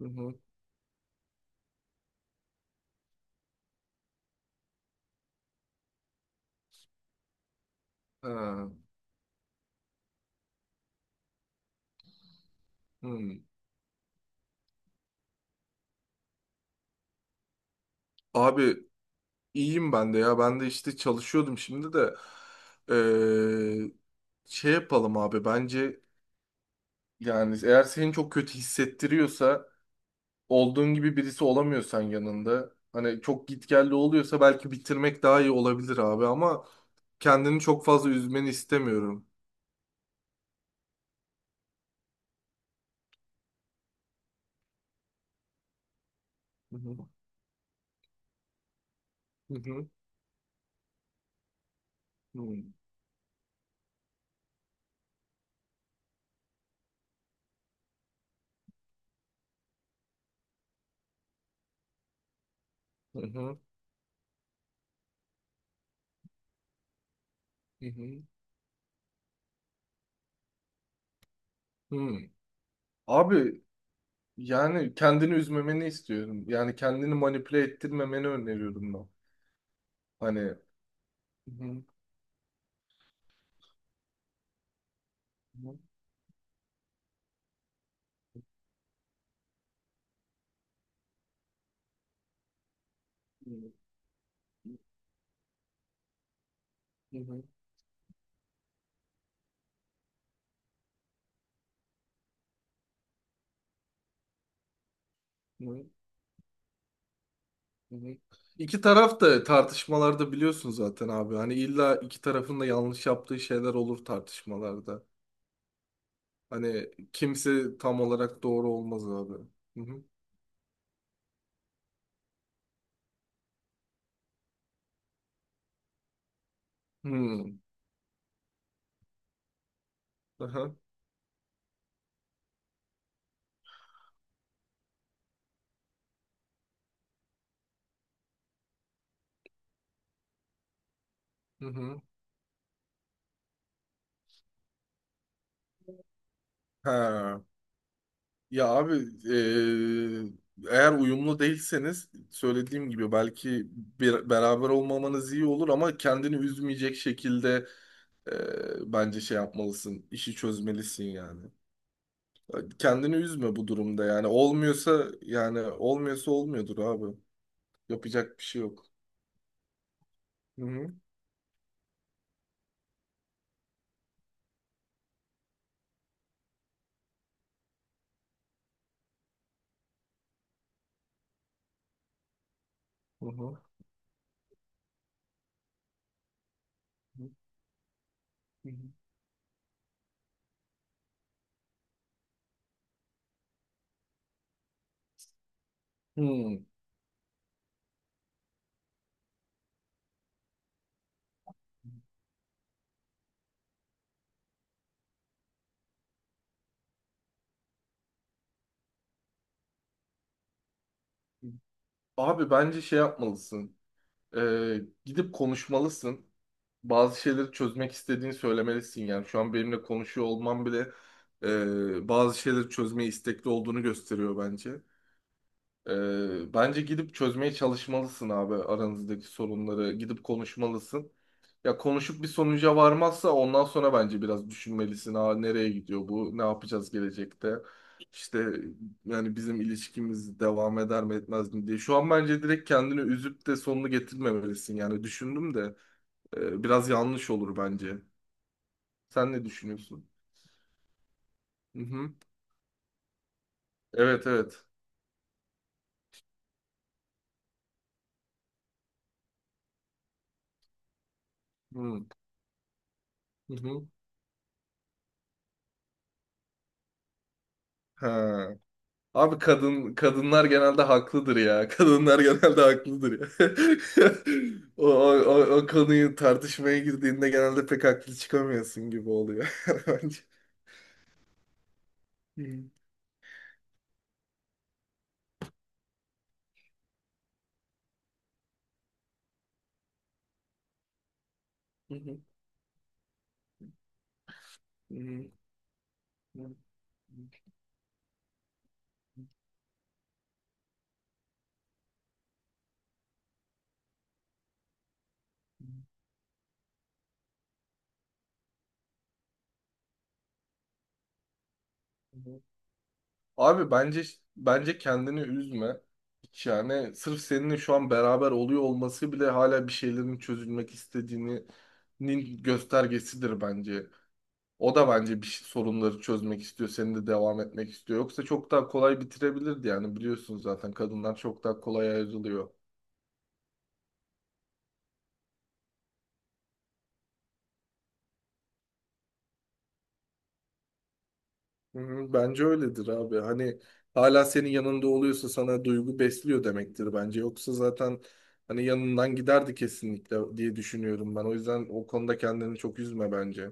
Hı hı. Ha, hı. Abi iyiyim ben de ya. Ben de işte çalışıyordum şimdi de. Ee, Şey yapalım abi bence yani eğer seni çok kötü hissettiriyorsa olduğun gibi birisi olamıyorsan yanında hani çok gitgelli oluyorsa belki bitirmek daha iyi olabilir abi ama kendini çok fazla üzmeni istemiyorum. Hı hı. Hı hı. Hı hı. Hı hı. Hı hı. Hı. Abi yani kendini üzmemeni istiyorum. Yani kendini manipüle ettirmemeni öneriyorum ben. Hani hı hı, hı hı, hı hı, hı hı. iki taraf da tartışmalarda biliyorsun zaten abi. Hani illa iki tarafın da yanlış yaptığı şeyler olur tartışmalarda. Hani kimse tam olarak doğru olmaz abi. Hı hı. Hı. Aha, hı hı. Ha. Ya abi eee, eğer uyumlu değilseniz söylediğim gibi belki bir, beraber olmamanız iyi olur ama kendini üzmeyecek şekilde eee, bence şey yapmalısın işi çözmelisin yani. Kendini üzme bu durumda yani olmuyorsa yani olmuyorsa olmuyordur abi yapacak bir şey yok. Hı hı. Hı hı. Hı hı. Hı. Abi bence şey yapmalısın. Gidip konuşmalısın. Bazı şeyleri çözmek istediğini söylemelisin. Yani şu an benimle konuşuyor olman bile bazı şeyleri çözmeye istekli olduğunu gösteriyor bence. Bence gidip çözmeye çalışmalısın abi aranızdaki sorunları. Gidip konuşmalısın. Ya konuşup bir sonuca varmazsa ondan sonra bence biraz düşünmelisin. Aa, nereye gidiyor bu? Ne yapacağız gelecekte? İşte yani bizim ilişkimiz devam eder mi etmez mi diye. Şu an bence direkt kendini üzüp de sonunu getirmemelisin. Yani düşündüm de biraz yanlış olur bence. Sen ne düşünüyorsun? Hı hı. Evet evet. Hı hı. Hı. Ha. Abi kadınlar genelde haklıdır ya. Kadınlar genelde haklıdır ya. O konuyu tartışmaya girdiğinde genelde pek haklı çıkamıyorsun gibi oluyor bence. Hı hı. Hı hı. Hı hı. Hı hı. Abi bence kendini üzme. Hiç yani sırf seninle şu an beraber oluyor olması bile hala bir şeylerin çözülmek istediğinin göstergesidir bence. O da bence sorunları çözmek istiyor, senin de devam etmek istiyor. Yoksa çok daha kolay bitirebilirdi yani biliyorsun zaten kadınlar çok daha kolay ayrılıyor. Hı hı, bence öyledir abi. Hani hala senin yanında oluyorsa sana duygu besliyor demektir bence. Yoksa zaten hani yanından giderdi kesinlikle diye düşünüyorum ben. O yüzden o konuda kendini çok üzme bence.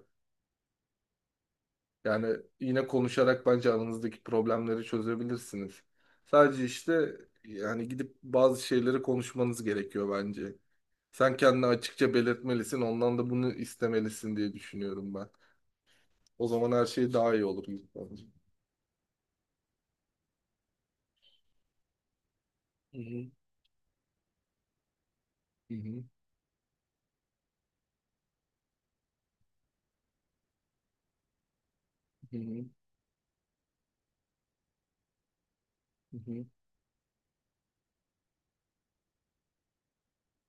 Yani yine konuşarak bence aranızdaki problemleri çözebilirsiniz. Sadece işte yani gidip bazı şeyleri konuşmanız gerekiyor bence. Sen kendini açıkça belirtmelisin. Ondan da bunu istemelisin diye düşünüyorum ben. O zaman her şey daha iyi olur gibi bence. Hı hı, hı hı, hı hı. Hı hı.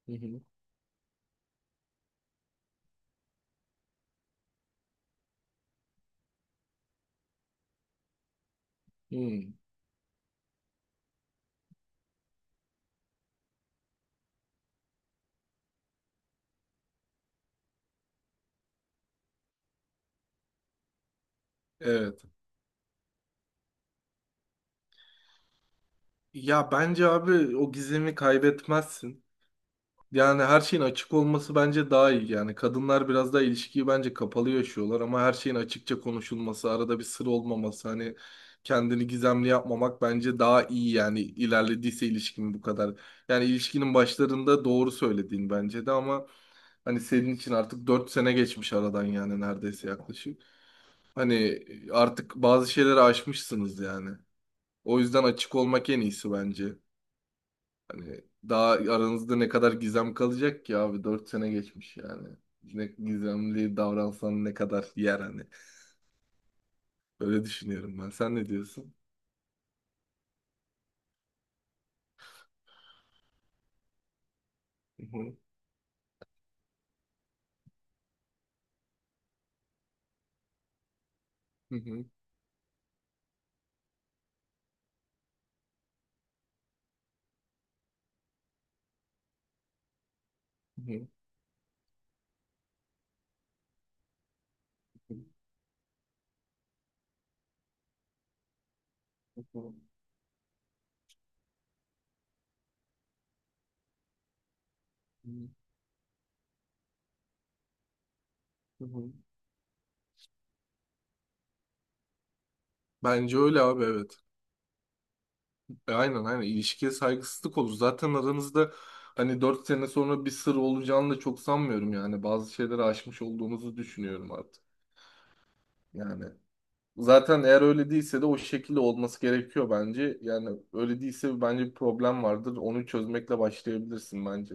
Hı hı. Hmm. Evet. Ya bence abi o gizemi kaybetmezsin. Yani her şeyin açık olması bence daha iyi. Yani kadınlar biraz daha ilişkiyi bence kapalı yaşıyorlar ama her şeyin açıkça konuşulması, arada bir sır olmaması, hani kendini gizemli yapmamak bence daha iyi yani ilerlediyse ilişkin bu kadar. Yani ilişkinin başlarında doğru söylediğin bence de ama hani senin için artık 4 sene geçmiş aradan yani neredeyse yaklaşık. Hani artık bazı şeyleri aşmışsınız yani. O yüzden açık olmak en iyisi bence. Hani daha aranızda ne kadar gizem kalacak ki abi 4 sene geçmiş yani. Ne gizemli davransan ne kadar yer hani. Böyle düşünüyorum ben. Sen ne diyorsun? Hı hı, hı hı, hı hı, hı hı, hı hı. Bence öyle abi evet. E, aynen aynen ilişkiye saygısızlık olur. Zaten aranızda hani 4 sene sonra bir sır olacağını da çok sanmıyorum yani. Bazı şeyleri aşmış olduğunuzu düşünüyorum artık. Yani. Zaten eğer öyle değilse de o şekilde olması gerekiyor bence. Yani öyle değilse bence bir problem vardır. Onu çözmekle başlayabilirsin bence.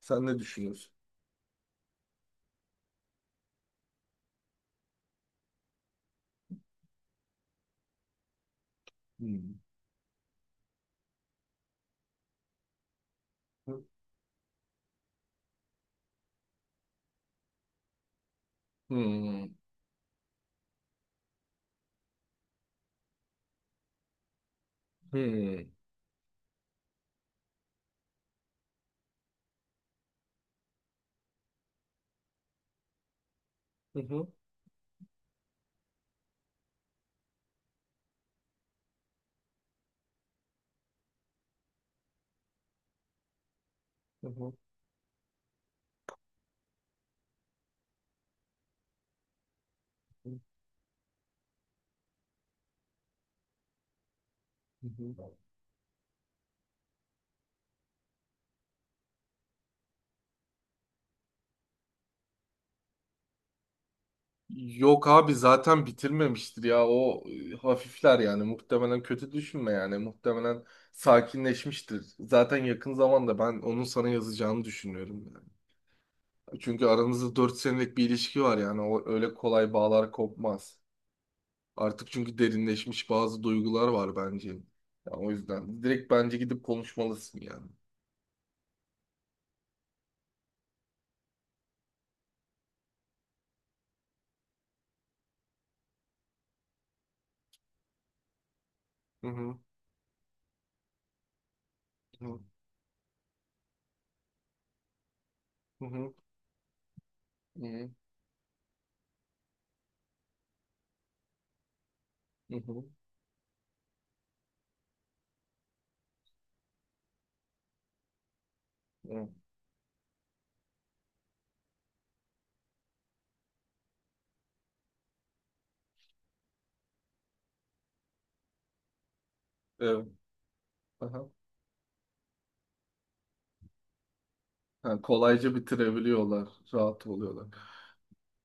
Sen ne düşünüyorsun? Hmm. Hmm. Hmm. Hı hı. Hı hı. Hı hı. Yok abi zaten bitirmemiştir ya. O hafifler yani. Muhtemelen kötü düşünme yani. Muhtemelen sakinleşmiştir. Zaten yakın zamanda ben onun sana yazacağını düşünüyorum yani. Çünkü aranızda 4 senelik bir ilişki var yani. O öyle kolay bağlar kopmaz. Artık çünkü derinleşmiş bazı duygular var bence. Ya o yüzden direkt bence gidip konuşmalısın yani. Hı hı. Hı hı. Hı hı. Hı hı. Hı. Evet. Aha. Ha, kolayca bitirebiliyorlar. Rahat oluyorlar.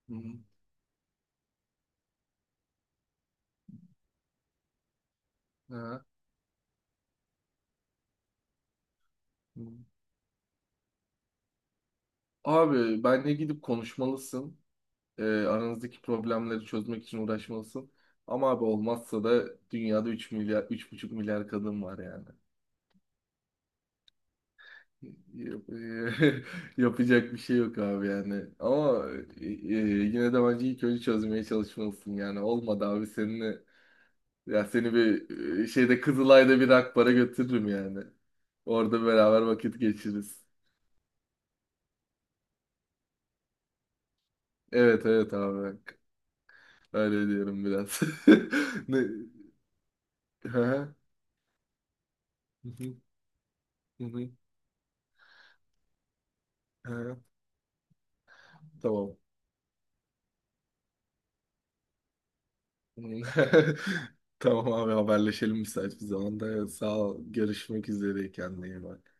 Hı hı. Ha. Hı. Abi benle gidip konuşmalısın. Aranızdaki problemleri çözmek için uğraşmalısın. Ama abi olmazsa da dünyada 3 milyar, 3,5 milyar kadın var yani. Yap- Yapacak bir şey yok abi yani. Ama yine de bence ilk önce çözmeye çalışmalısın yani. Olmadı abi seninle ya seni bir şeyde Kızılay'da bir Akbar'a götürürüm yani. Orada beraber vakit geçiririz. Evet evet abi bak. Öyle diyorum biraz. Ne? Ha? Hı hı, hı hı. Ha, tamam. Tamam abi haberleşelim müsait bir zamanda. Sağ ol. Görüşmek üzere kendine iyi bak.